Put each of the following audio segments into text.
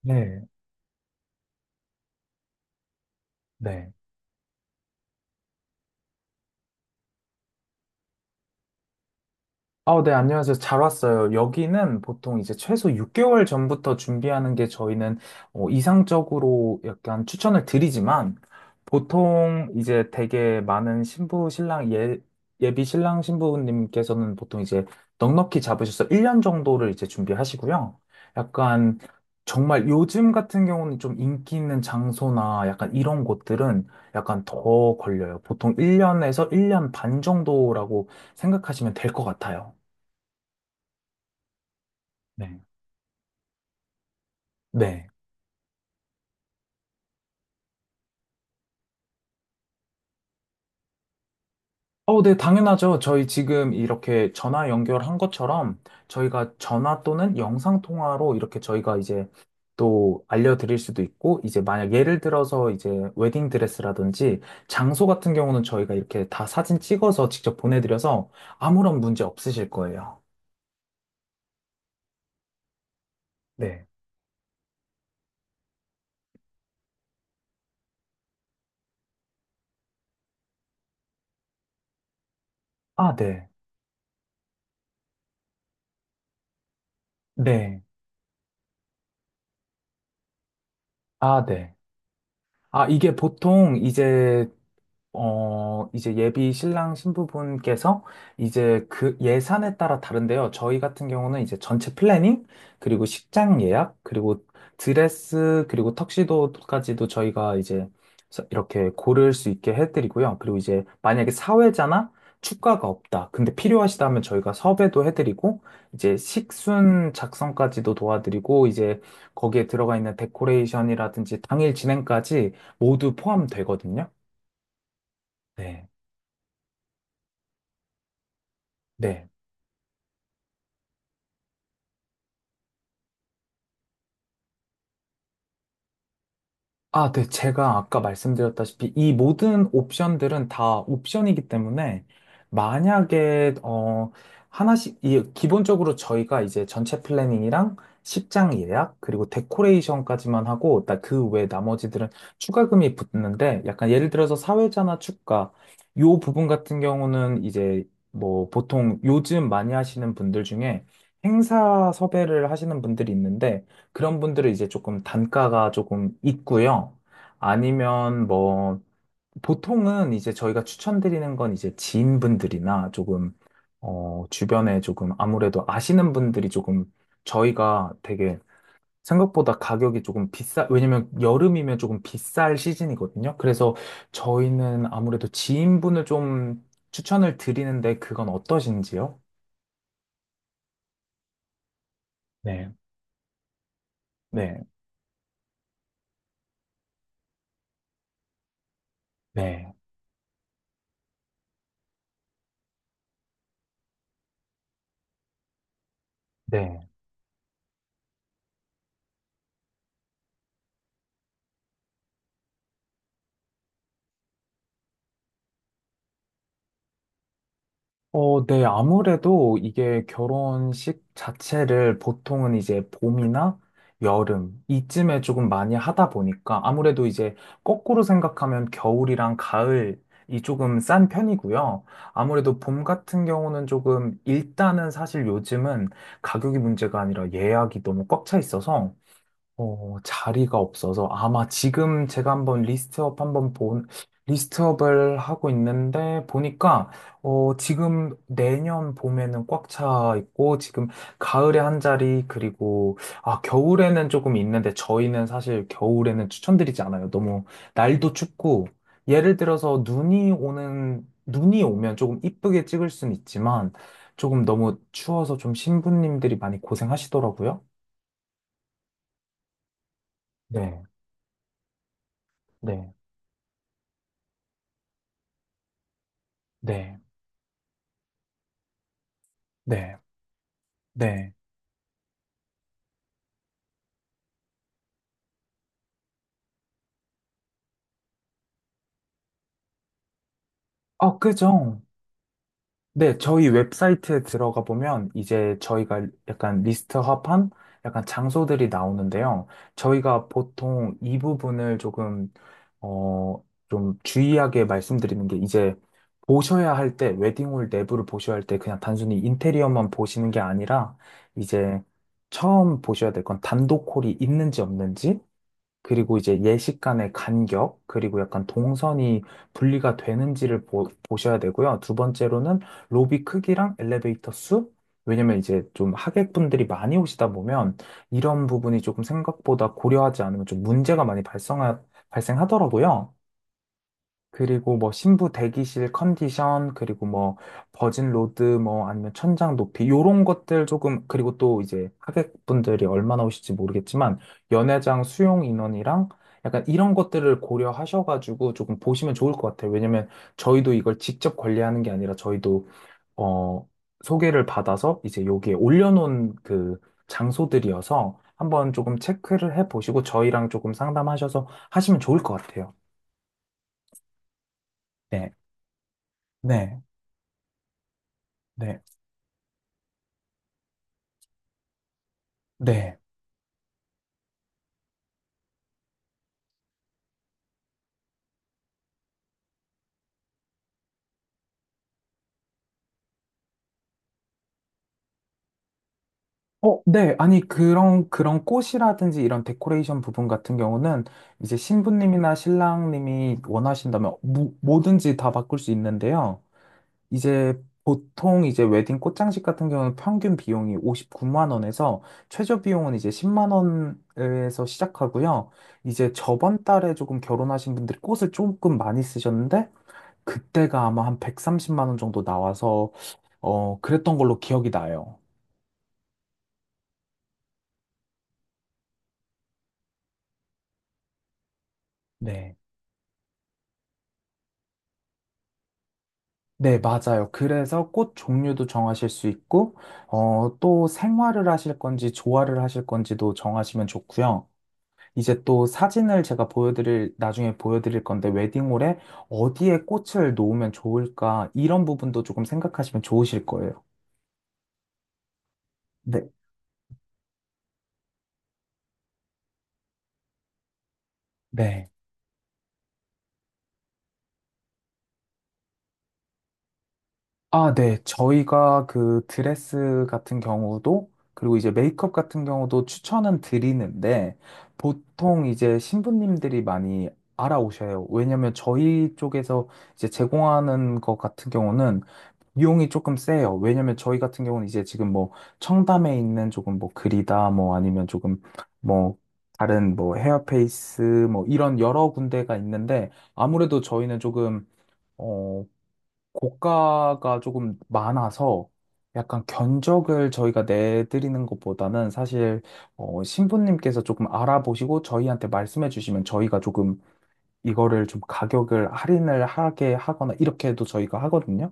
네, 네. 아, 네, 안녕하세요. 잘 왔어요. 여기는 보통 이제 최소 6개월 전부터 준비하는 게 저희는 이상적으로 약간 추천을 드리지만, 보통 이제 되게 많은 예비 신랑 신부님께서는 보통 이제 넉넉히 잡으셔서 1년 정도를 이제 준비하시고요. 약간 정말 요즘 같은 경우는 좀 인기 있는 장소나 약간 이런 곳들은 약간 더 걸려요. 보통 1년에서 1년 반 정도라고 생각하시면 될 것 같아요. 네. 네. 네, 당연하죠. 저희 지금 이렇게 전화 연결한 것처럼 저희가 전화 또는 영상 통화로 이렇게 저희가 이제 또 알려드릴 수도 있고, 이제 만약 예를 들어서 이제 웨딩 드레스라든지 장소 같은 경우는 저희가 이렇게 다 사진 찍어서 직접 보내드려서 아무런 문제 없으실 거예요. 네. 아, 네. 네. 아, 네. 아, 이게 보통 이제 이제 예비 신랑 신부분께서 이제 그 예산에 따라 다른데요. 저희 같은 경우는 이제 전체 플래닝, 그리고 식장 예약, 그리고 드레스, 그리고 턱시도까지도 저희가 이제 이렇게 고를 수 있게 해드리고요. 그리고 이제 만약에 사회자나 축가가 없다. 근데 필요하시다면 저희가 섭외도 해드리고, 이제 식순 작성까지도 도와드리고, 이제 거기에 들어가 있는 데코레이션이라든지 당일 진행까지 모두 포함되거든요. 네. 네. 아, 네. 제가 아까 말씀드렸다시피 이 모든 옵션들은 다 옵션이기 때문에 만약에, 하나씩, 이, 기본적으로 저희가 이제 전체 플래닝이랑 십장 예약, 그리고 데코레이션까지만 하고, 그 외 나머지들은 추가금이 붙는데, 약간 예를 들어서 사회자나 축가, 요 부분 같은 경우는 이제 뭐 보통 요즘 많이 하시는 분들 중에 행사 섭외를 하시는 분들이 있는데, 그런 분들은 이제 조금 단가가 조금 있고요. 아니면 뭐 보통은 이제 저희가 추천드리는 건 이제 지인분들이나 조금 주변에 조금 아무래도 아시는 분들이 조금 저희가 되게 생각보다 가격이 조금 비싸, 왜냐면 여름이면 조금 비쌀 시즌이거든요. 그래서 저희는 아무래도 지인분을 좀 추천을 드리는데 그건 어떠신지요? 네, 네, 네, 네. 네. 아무래도 이게 결혼식 자체를 보통은 이제 봄이나 여름 이쯤에 조금 많이 하다 보니까 아무래도 이제 거꾸로 생각하면 겨울이랑 가을이 조금 싼 편이고요. 아무래도 봄 같은 경우는 조금 일단은 사실 요즘은 가격이 문제가 아니라 예약이 너무 꽉 차 있어서 자리가 없어서 아마 지금 제가 한번 리스트업 한번 본 리스트업을 하고 있는데 보니까 지금 내년 봄에는 꽉 차 있고 지금 가을에 한 자리 그리고 아, 겨울에는 조금 있는데 저희는 사실 겨울에는 추천드리지 않아요. 너무 날도 춥고 예를 들어서 눈이 오면 조금 이쁘게 찍을 순 있지만 조금 너무 추워서 좀 신부님들이 많이 고생하시더라고요. 네. 네. 네. 네, 네. 아, 그죠. 네, 저희 웹사이트에 들어가 보면 이제 저희가 약간 리스트합한 약간 장소들이 나오는데요. 저희가 보통 이 부분을 조금, 어, 좀 주의하게 말씀드리는 게 이제 보셔야 할 때, 웨딩홀 내부를 보셔야 할 때 그냥 단순히 인테리어만 보시는 게 아니라 이제 처음 보셔야 될 건 단독홀이 있는지 없는지 그리고 이제 예식 간의 간격, 그리고 약간 동선이 분리가 되는지를 보셔야 되고요. 두 번째로는 로비 크기랑 엘리베이터 수? 왜냐면 이제 좀 하객분들이 많이 오시다 보면 이런 부분이 조금 생각보다 고려하지 않으면 좀 문제가 많이 발생하더라고요. 그리고 뭐 신부 대기실 컨디션, 그리고 뭐 버진 로드, 뭐 아니면 천장 높이, 요런 것들 조금, 그리고 또 이제 하객분들이 얼마나 오실지 모르겠지만, 연회장 수용 인원이랑 약간 이런 것들을 고려하셔가지고 조금 보시면 좋을 것 같아요. 왜냐면 저희도 이걸 직접 관리하는 게 아니라 저희도, 어, 소개를 받아서 이제 여기에 올려놓은 그 장소들이어서 한번 조금 체크를 해보시고 저희랑 조금 상담하셔서 하시면 좋을 것 같아요. 네. 네, 네. 네. 네. 아니, 그런 꽃이라든지 이런 데코레이션 부분 같은 경우는 이제 신부님이나 신랑님이 원하신다면 뭐든지 다 바꿀 수 있는데요. 이제 보통 이제 웨딩 꽃장식 같은 경우는 평균 비용이 59만 원에서 최저 비용은 이제 10만 원에서 시작하고요. 이제 저번 달에 조금 결혼하신 분들이 꽃을 조금 많이 쓰셨는데 그때가 아마 한 130만 원 정도 나와서 그랬던 걸로 기억이 나요. 네. 네, 맞아요. 그래서 꽃 종류도 정하실 수 있고, 또 생화를 하실 건지 조화를 하실 건지도 정하시면 좋고요. 이제 또 사진을 제가 나중에 보여드릴 건데, 웨딩홀에 어디에 꽃을 놓으면 좋을까, 이런 부분도 조금 생각하시면 좋으실 거예요. 네, 네. 아, 네. 저희가 그 드레스 같은 경우도, 그리고 이제 메이크업 같은 경우도 추천은 드리는데, 보통 이제 신부님들이 많이 알아오셔요. 왜냐면 저희 쪽에서 이제 제공하는 것 같은 경우는 비용이 조금 세요. 왜냐면 저희 같은 경우는 이제 지금 뭐 청담에 있는 조금 뭐 그리다, 뭐 아니면 조금 뭐 다른 뭐 헤어페이스, 뭐 이런 여러 군데가 있는데, 아무래도 저희는 조금 어, 고가가 조금 많아서 약간 견적을 저희가 내드리는 것보다는 사실 신부님께서 조금 알아보시고 저희한테 말씀해 주시면 저희가 조금 이거를 좀 가격을 할인을 하게 하거나 이렇게 해도 저희가 하거든요.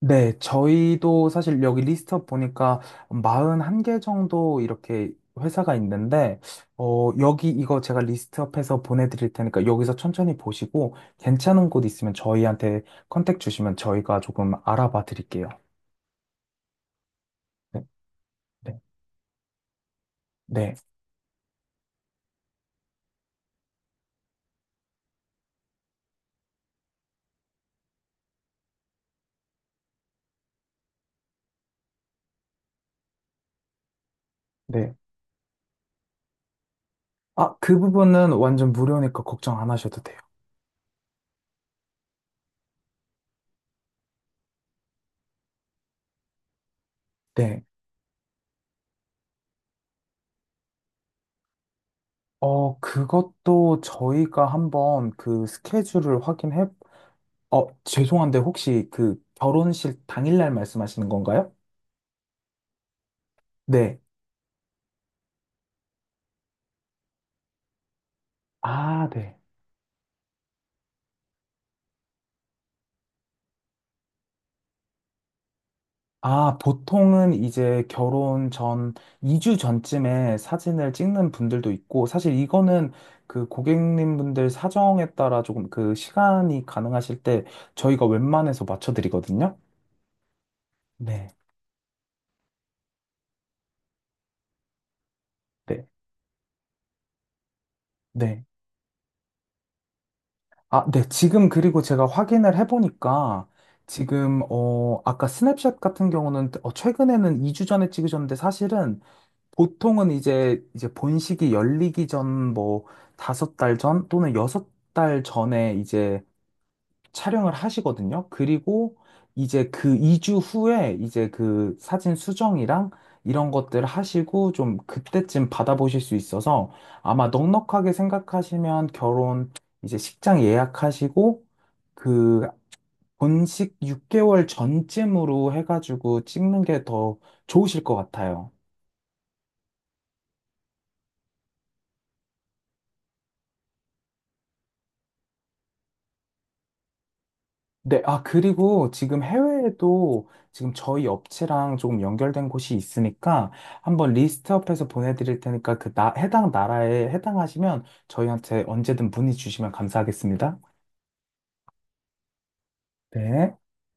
네, 저희도 사실 여기 리스트업 보니까 41개 정도 이렇게 회사가 있는데, 여기 이거 제가 리스트업해서 보내드릴 테니까 여기서 천천히 보시고 괜찮은 곳 있으면 저희한테 컨택 주시면 저희가 조금 알아봐 드릴게요. 네, 네, 네. 네. 아, 그 부분은 완전 무료니까 걱정 안 하셔도 돼요. 네. 그것도 저희가 한번 그 스케줄을 확인해, 죄송한데 혹시 그 결혼식 당일날 말씀하시는 건가요? 네. 아, 네. 아, 보통은 이제 결혼 전 2주 전쯤에 사진을 찍는 분들도 있고, 사실 이거는 그 고객님분들 사정에 따라 조금 그 시간이 가능하실 때 저희가 웬만해서 맞춰드리거든요. 네. 네. 네. 아, 네. 지금 그리고 제가 확인을 해보니까 지금, 아까 스냅샷 같은 경우는 최근에는 2주 전에 찍으셨는데 사실은 보통은 이제 본식이 열리기 전 뭐 5달 전 또는 6달 전에 이제 촬영을 하시거든요. 그리고 이제 그 2주 후에 이제 그 사진 수정이랑 이런 것들 하시고 좀 그때쯤 받아보실 수 있어서 아마 넉넉하게 생각하시면 결혼 이제 식장 예약하시고 그 본식 6개월 전쯤으로 해가지고 찍는 게 더 좋으실 것 같아요. 네, 아, 그리고 지금 해외에도 지금 저희 업체랑 조금 연결된 곳이 있으니까 한번 리스트업해서 보내드릴 테니까 해당 나라에 해당하시면 저희한테 언제든 문의 주시면 감사하겠습니다. 네.